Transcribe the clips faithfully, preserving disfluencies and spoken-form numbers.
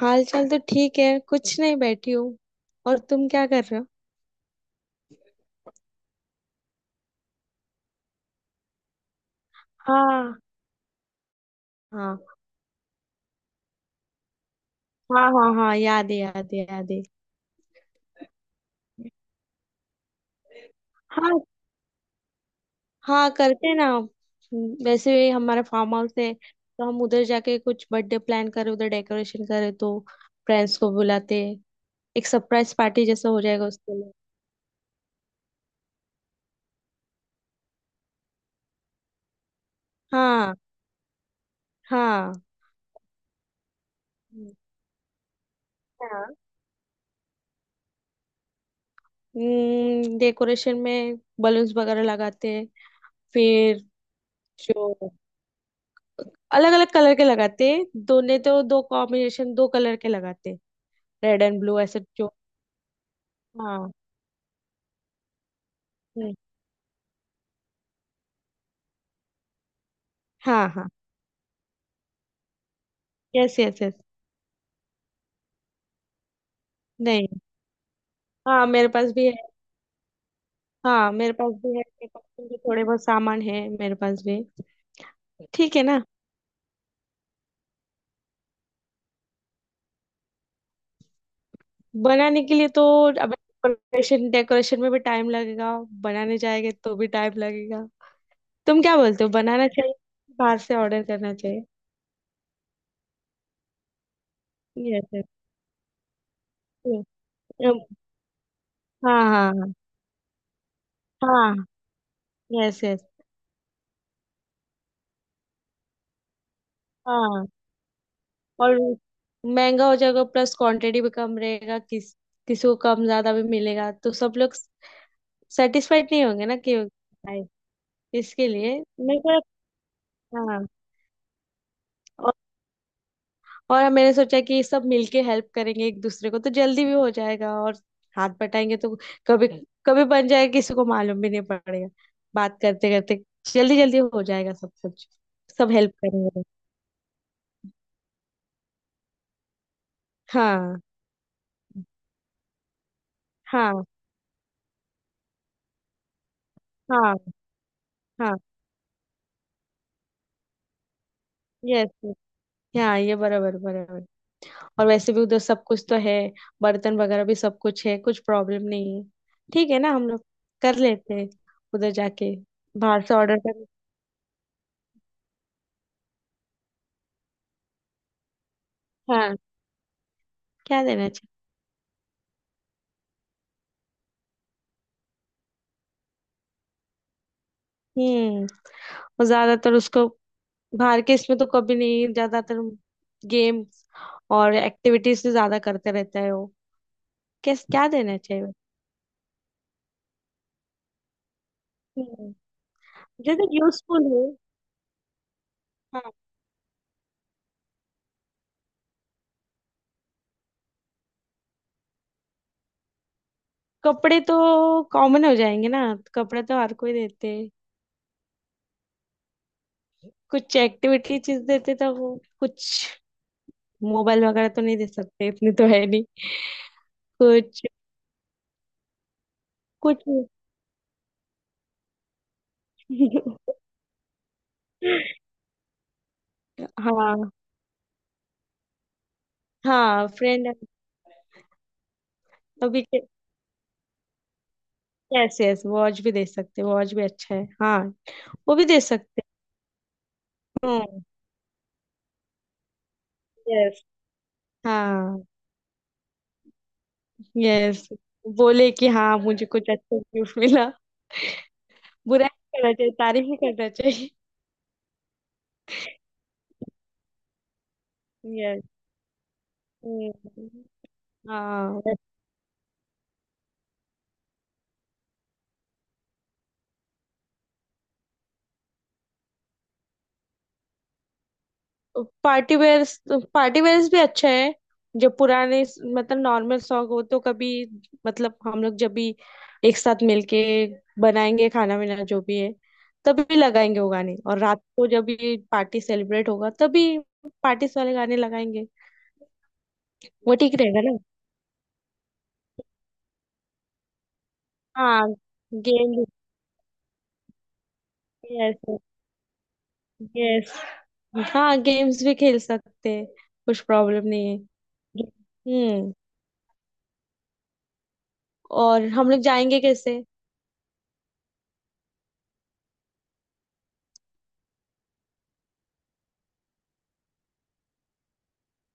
हाल चाल तो ठीक है, कुछ नहीं, बैठी हूँ। और तुम क्या कर रहे हो? हाँ, हाँ, हाँ, हाँ, हाँ, याद है, याद है, याद है। हाँ। हाँ, करते हैं ना। हम्म, वैसे भी हमारा फार्म हाउस है, तो हम उधर जाके कुछ बर्थडे प्लान करें, उधर डेकोरेशन करें, तो फ्रेंड्स को बुलाते हैं। एक सरप्राइज पार्टी जैसा हो जाएगा उसके लिए। हाँ। हाँ। हाँ। डेकोरेशन में बलून्स वगैरह लगाते हैं। फिर जो अलग अलग कलर के लगाते हैं, दोनों, तो दो कॉम्बिनेशन, दो कलर के लगाते हैं, रेड एंड ब्लू, ऐसे जो। हाँ। हम्म। हाँ, हाँ। Yes, yes, yes. नहीं। हाँ, मेरे पास भी है। हाँ, मेरे पास भी है, मेरे पास भी थोड़े बहुत सामान है मेरे पास भी। ठीक है ना। बनाने के लिए तो, अब डेकोरेशन, डेकोरेशन में भी टाइम लगेगा, बनाने जाएंगे तो भी टाइम लगेगा। तुम क्या बोलते हो, बनाना चाहिए बाहर से ऑर्डर करना चाहिए? यस। यस। हाँ, हाँ। हाँ। Yes, yes. हाँ, yes, yes, हाँ। और महंगा हो जाएगा, प्लस क्वांटिटी भी कम रहेगा। किस किसी को कम ज्यादा भी मिलेगा तो सब लोग सेटिस्फाइड नहीं होंगे ना, कि आए। इसके लिए मेरे को। हाँ। और, और मैंने सोचा कि सब मिलके हेल्प करेंगे एक दूसरे को, तो जल्दी भी हो जाएगा, और हाथ बटाएंगे तो कभी कभी बन जाएगा, किसी को मालूम भी नहीं पड़ेगा। बात करते करते जल्दी जल्दी हो जाएगा सब कुछ। सब हेल्प करेंगे। हाँ। हाँ। हाँ। हाँ। यस। हाँ, ये बराबर बराबर। और वैसे भी उधर सब कुछ तो है, बर्तन वगैरह भी सब कुछ है, कुछ प्रॉब्लम नहीं है। ठीक है ना, हम लोग कर लेते हैं उधर जाके। बाहर से ऑर्डर कर। हाँ। क्या देना चाहिए? हम्म और ज्यादातर उसको बाहर के इसमें तो कभी नहीं, ज्यादातर गेम्स और एक्टिविटीज से ज्यादा करते रहता है वो। कैस क्या देना चाहिए? हम्म, जैसे यूजफुल हो। हाँ। कपड़े तो कॉमन हो जाएंगे ना, कपड़े तो हर कोई देते हैं। कुछ एक्टिविटी चीज देते तो वो कुछ, मोबाइल वगैरह तो नहीं दे सकते, इतनी तो है नहीं। कुछ। कुछ। हाँ। हाँ, फ्रेंड। अभी। यस, यस, वॉच भी दे सकते, वॉच भी अच्छा है, हाँ। वो भी दे सकते। हम्म। यस। हाँ। यस। बोले कि हाँ, मुझे कुछ अच्छा गिफ्ट मिला। बुरा नहीं करना चाहिए, तारीफ ही करना चाहिए। यस। हाँ। Party wear. पार्टी वेयर्स भी अच्छा है। जो पुराने, मतलब नॉर्मल सॉन्ग हो तो कभी, मतलब हम लोग जब भी एक साथ मिलके बनाएंगे खाना वाना जो भी है, तभी लगाएंगे वो गाने, और रात को जब भी पार्टी सेलिब्रेट होगा तभी पार्टीज वाले गाने लगाएंगे। वो ठीक रहेगा ना? हाँ, गेम। यस। यस। हाँ, गेम्स भी खेल सकते हैं, कुछ प्रॉब्लम नहीं है। हम्म। और हम लोग जाएंगे कैसे?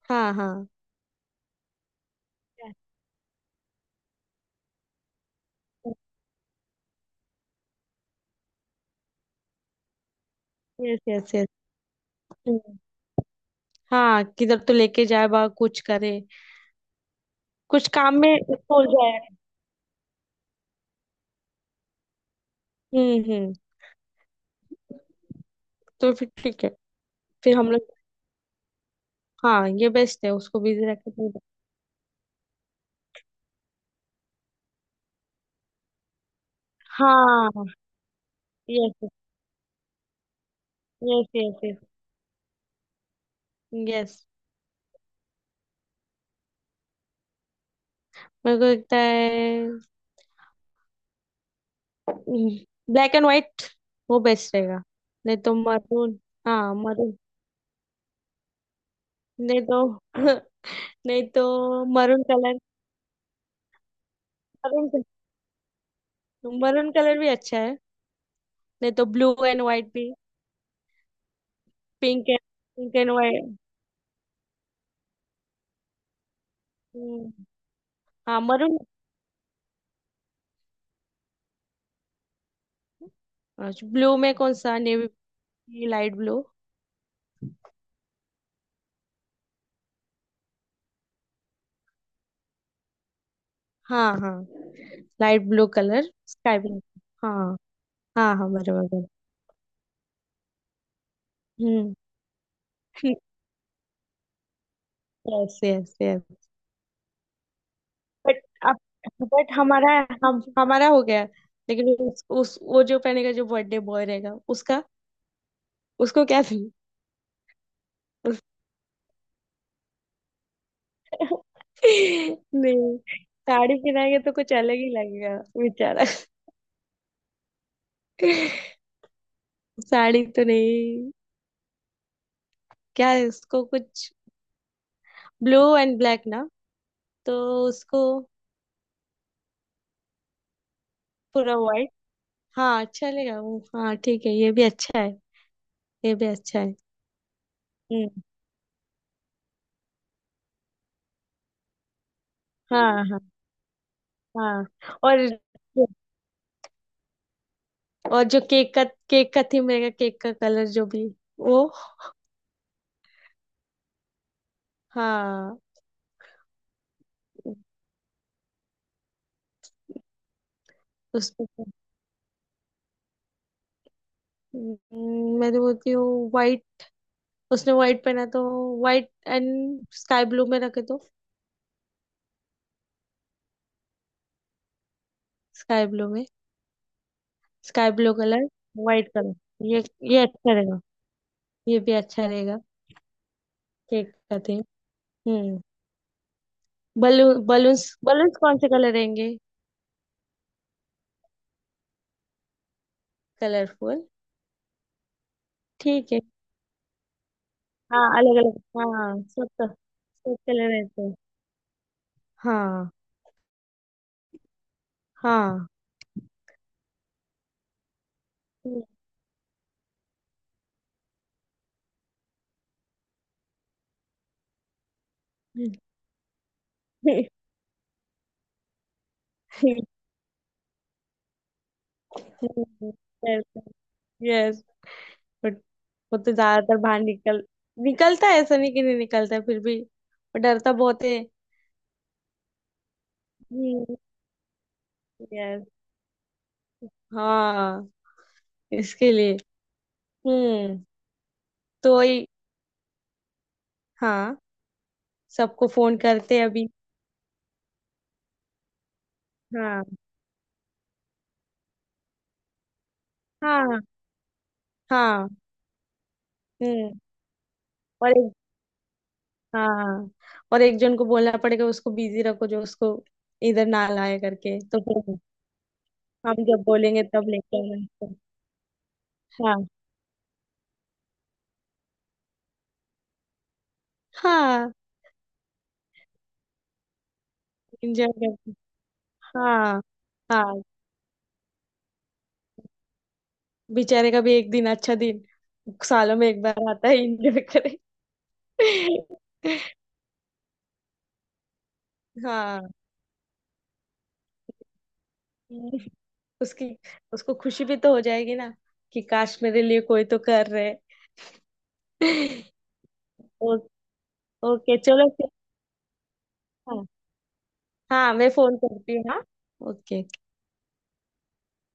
हाँ, हाँ। Yes, yes, yes. हाँ, किधर तो लेके जाए, बा कुछ करे, कुछ काम में उसको उलझाए। हम्म, हम्म। तो फिर ठीक है, फिर हम लोग। हाँ, ये बेस्ट है, उसको बिजी रखे तो। हाँ। Yes, yes, yes. Yes. Yes, मेरे को लगता है ब्लैक एंड व्हाइट, वो बेस्ट रहेगा। नहीं तो मरून। हाँ, मरून। नहीं तो। नहीं तो maroon colour. Maroon. Maroon colour भी अच्छा है। नहीं तो ब्लू एंड व्हाइट भी। Pink and pink and white. हम्म। हाँ, मरून। अच्छा, ब्लू में कौन सा, नेवी, लाइट ब्लू? हाँ, हाँ। Light blue colour, sky blue. हाँ, हाँ, हाँ, बराबर बराबर। हम्म। Yes, yes, yes. बट अब, बट हमारा, हम हमारा हो गया। लेकिन उस, उस वो जो पहनेगा, जो बर्थडे बॉय रहेगा उसका, उसको क्या थी, उसका। नहीं, साड़ी पहनाएंगे तो कुछ अलग ही लगेगा, बेचारा। साड़ी तो नहीं। क्या है, उसको कुछ ब्लू एंड ब्लैक ना, तो उसको पूरा व्हाइट। हाँ, चलेगा वो, हाँ ठीक है, ये भी अच्छा है, ये भी अच्छा है। हम्म। हाँ, हाँ। हाँ, और और जो केक का, केक का थीम रहेगा, केक का कलर जो भी वो। हाँ। उस पे हम्म, मैं तो बोलती हूँ व्हाइट, उसने व्हाइट पहना तो व्हाइट एंड स्काई ब्लू में रखे तो, स्काई ब्लू में, sky blue colour, white colour, ये ये अच्छा रहेगा, ये भी अच्छा रहेगा। केक का थीम। हम्म। बलून बलून्स बलून्स कौन से कलर रहेंगे? कलरफुल। ठीक है। हाँ, अलग अलग, हाँ सब, तो सब कलर रहते हैं। हाँ। हाँ। यस। बट वो तो ज्यादातर बाहर निकल निकलता है, ऐसा नहीं कि नहीं निकलता है, फिर भी वो डरता बहुत है। यस। हाँ। इसके लिए। हम्म। तो वही। हाँ, सबको फोन करते हैं अभी। हाँ। हाँ। हाँ। हम्म। और। हाँ, और एक जन को बोलना पड़ेगा, उसको बिजी रखो, जो उसको इधर ना लाए करके, तो फिर हम जब बोलेंगे तब लेके आना इसको। हाँ। हाँ, एंजॉय करते। हाँ। हाँ, बेचारे का भी एक दिन, अच्छा दिन सालों में एक बार आता है, एंजॉय करे। हाँ। उसकी उसको खुशी भी तो हो जाएगी ना, कि काश मेरे लिए कोई तो कर रहे। ओ, ओके चलो फिर। हाँ। हाँ, मैं फोन करती हूँ, हाँ। ओके।